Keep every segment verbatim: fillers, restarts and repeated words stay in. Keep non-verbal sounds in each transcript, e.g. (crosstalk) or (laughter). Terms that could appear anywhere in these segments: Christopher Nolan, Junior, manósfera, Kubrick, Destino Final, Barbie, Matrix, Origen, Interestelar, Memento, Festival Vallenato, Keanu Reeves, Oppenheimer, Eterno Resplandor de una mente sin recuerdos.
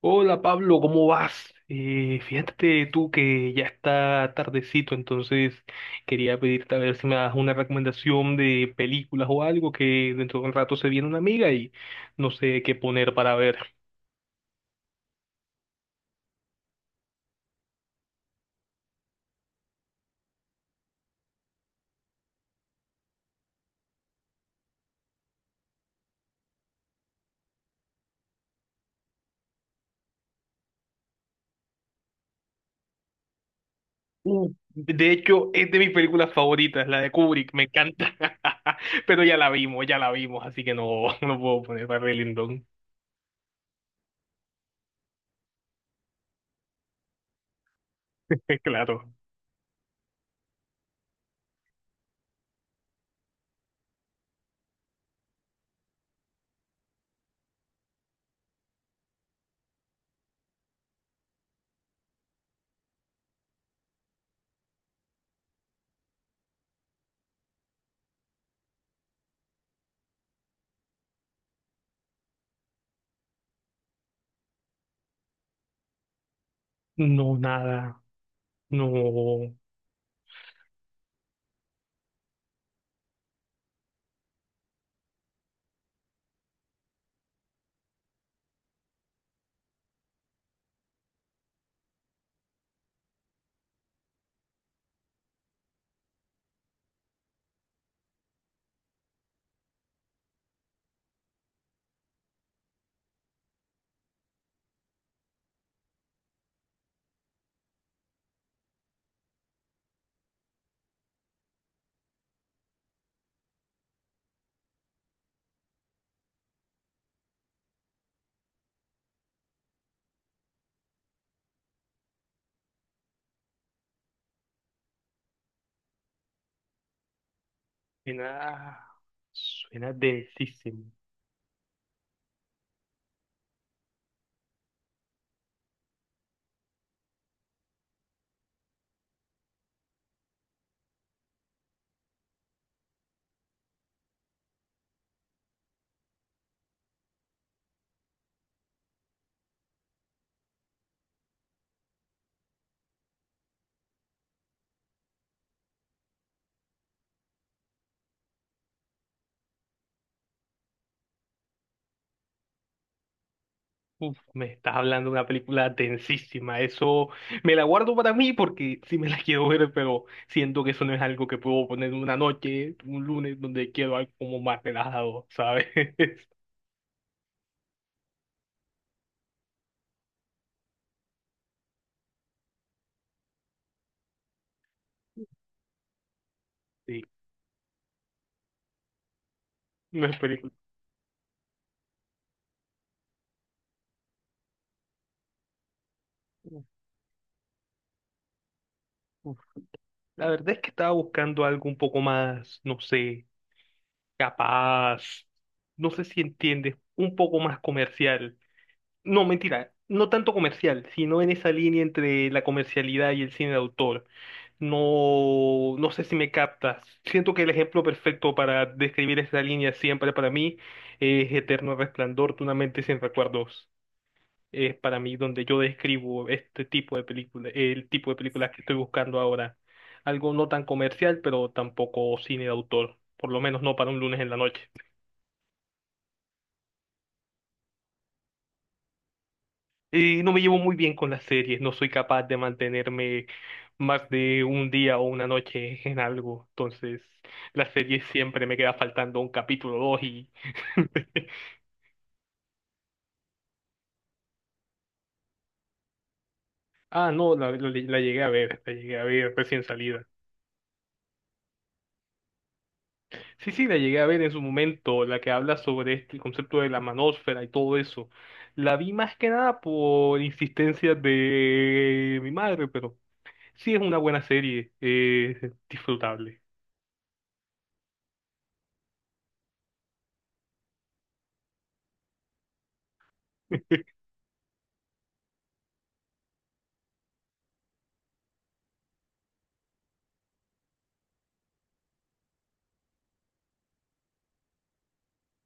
Hola Pablo, ¿cómo vas? Eh, fíjate tú que ya está tardecito, entonces quería pedirte a ver si me das una recomendación de películas o algo que dentro de un rato se viene una amiga y no sé qué poner para ver. Uh, de hecho, es de mis películas favoritas, la de Kubrick, me encanta. (laughs) Pero ya la vimos, ya la vimos, así que no, (laughs) no puedo poner para Lindon, (laughs) claro. No, nada, no, suena, suena densísimo. Uf, me estás hablando de una película tensísima. Eso me la guardo para mí porque sí me la (laughs) quiero ver, pero siento que eso no es algo que puedo poner una noche, un lunes, donde quiero algo como más relajado, ¿sabes? (laughs) Sí, no es película. Uf, uf. La verdad es que estaba buscando algo un poco más, no sé, capaz, no sé si entiendes, un poco más comercial. No, mentira, no tanto comercial, sino en esa línea entre la comercialidad y el cine de autor. No, no sé si me captas. Siento que el ejemplo perfecto para describir esa línea siempre para mí es Eterno Resplandor de una mente sin recuerdos. Es para mí donde yo describo este tipo de película, el tipo de películas que estoy buscando ahora. Algo no tan comercial, pero tampoco cine de autor, por lo menos no para un lunes en la noche. Y no me llevo muy bien con las series, no soy capaz de mantenerme más de un día o una noche en algo, entonces las series siempre me queda faltando un capítulo o dos y... (laughs) Ah, no, la, la- la llegué a ver, la llegué a ver recién salida. Sí, sí, la llegué a ver en su momento, la que habla sobre este concepto de la manósfera y todo eso. La vi más que nada por insistencia de mi madre, pero sí es una buena serie, eh, disfrutable.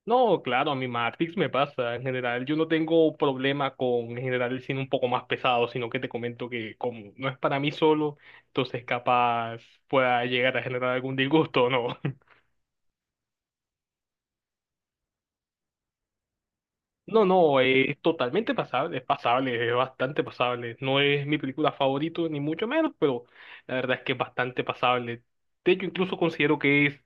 No, claro, a mi Matrix me pasa. En general, yo no tengo problema con en general el cine un poco más pesado, sino que te comento que como no es para mí solo, entonces capaz pueda llegar a generar algún disgusto, o ¿no? (laughs) No, no, eh, es totalmente pasable, es pasable, es bastante pasable. No es mi película favorita, ni mucho menos, pero la verdad es que es bastante pasable. De hecho, incluso considero que es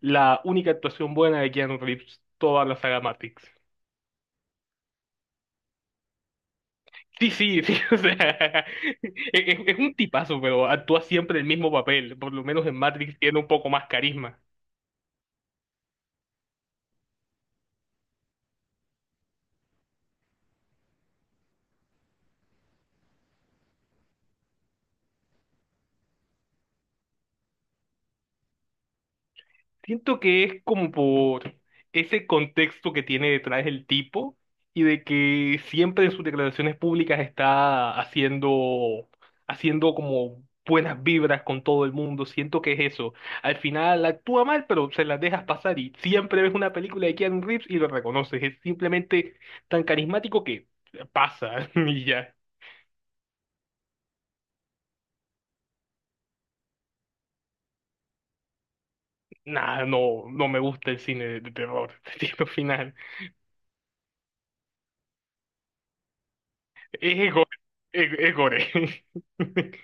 la única actuación buena de Keanu Reeves, toda la saga Matrix. Sí, sí, sí, (laughs) o sea, es, es un tipazo, pero actúa siempre el mismo papel, por lo menos en Matrix tiene un poco más carisma. Siento que es como por ese contexto que tiene detrás el tipo y de que siempre en sus declaraciones públicas está haciendo, haciendo como buenas vibras con todo el mundo. Siento que es eso. Al final actúa mal, pero se las dejas pasar y siempre ves una película de Keanu Reeves y lo reconoces. Es simplemente tan carismático que pasa (laughs) y ya. Nada, no, no me gusta el cine de, de terror. (laughs) Siento final. Es gore. Es, es gore. (laughs)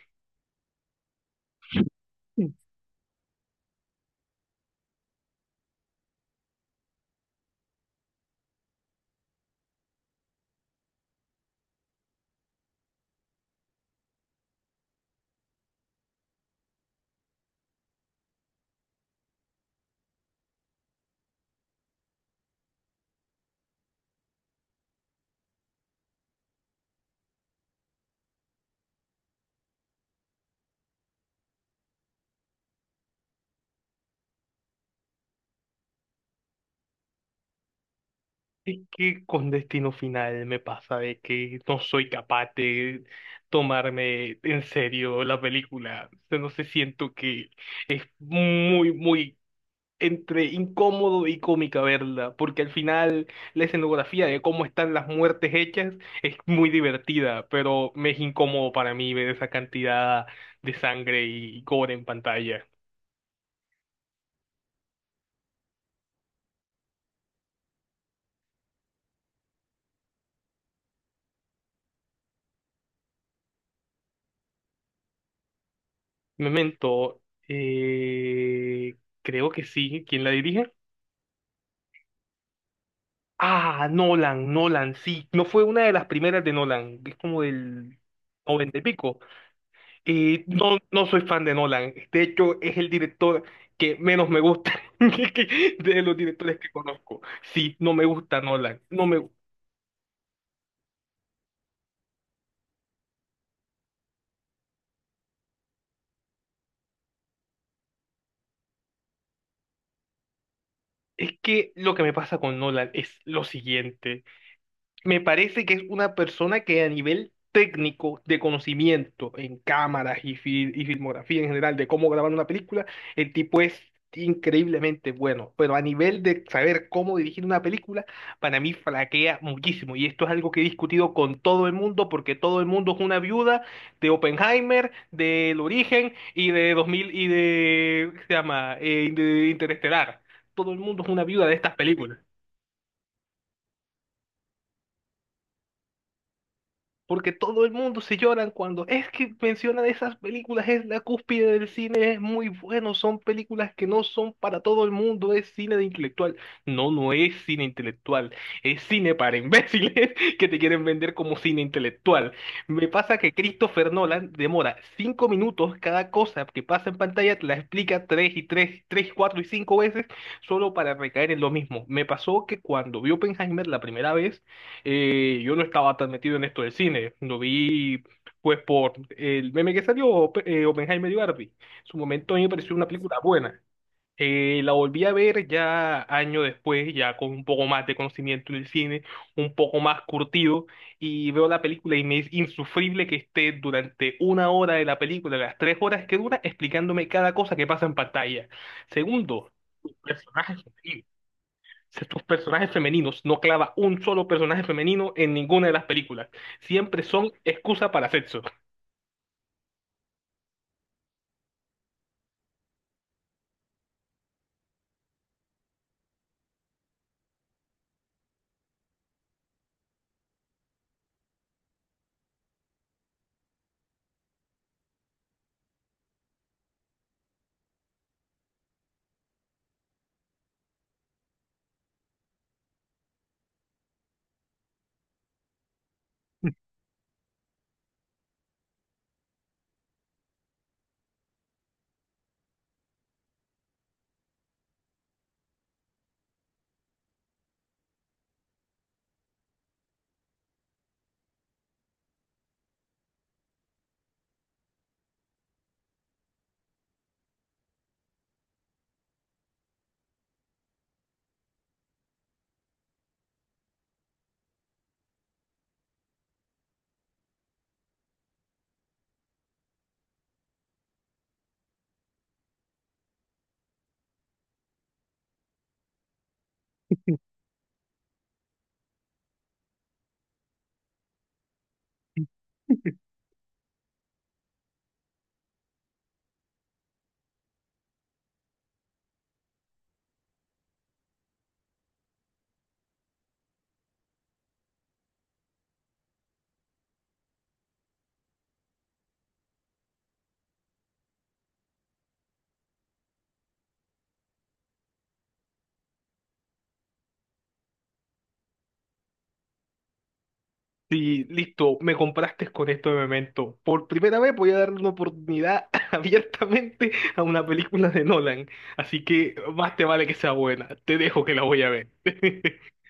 Es que con Destino Final me pasa de que no soy capaz de tomarme en serio la película. O sea, no sé, siento que muy, muy entre incómodo y cómica verla, porque al final la escenografía de cómo están las muertes hechas es muy divertida, pero me es incómodo para mí ver esa cantidad de sangre y gore en pantalla. Memento, eh, creo que sí. ¿Quién la dirige? Ah, Nolan, Nolan, sí. No fue una de las primeras de Nolan. Es como del noventa y pico. Y no, no soy fan de Nolan. De hecho, es el director que menos me gusta (laughs) de los directores que conozco. Sí, no me gusta Nolan. No me... Es que lo que me pasa con Nolan es lo siguiente. Me parece que es una persona que a nivel técnico de conocimiento en cámaras y, fil- y filmografía en general de cómo grabar una película, el tipo es increíblemente bueno, pero a nivel de saber cómo dirigir una película, para mí flaquea muchísimo y esto es algo que he discutido con todo el mundo porque todo el mundo es una viuda de Oppenheimer, del Origen y de el dos mil y de, ¿qué se llama? Eh, de Interestelar. Todo el mundo es una viuda de estas películas. Porque todo el mundo se lloran cuando es que mencionan esas películas, es la cúspide del cine, es muy bueno, son películas que no son para todo el mundo, es cine de intelectual. No, no es cine intelectual, es cine para imbéciles (laughs) que te quieren vender como cine intelectual. Me pasa que Christopher Nolan demora cinco minutos cada cosa que pasa en pantalla, te la explica tres y tres, tres, cuatro y cinco veces solo para recaer en lo mismo. Me pasó que cuando vi Oppenheimer la primera vez, eh, yo no estaba tan metido en esto del cine. Lo vi, pues, por el meme que salió, Op- eh, Oppenheimer y Barbie. En su momento a mí me pareció una película buena. Eh, la volví a ver ya años después, ya con un poco más de conocimiento del cine, un poco más curtido, y veo la película y me es insufrible que esté durante una hora de la película, las tres horas que dura, explicándome cada cosa que pasa en pantalla. Segundo, los personajes estos personajes femeninos, no clava un solo personaje femenino en ninguna de las películas. Siempre son excusa para sexo. (laughs) Sí, listo, me compraste con esto de Memento. Por primera vez voy a darle una oportunidad (laughs) abiertamente a una película de Nolan. Así que más te vale que sea buena. Te dejo que la voy a ver. (laughs)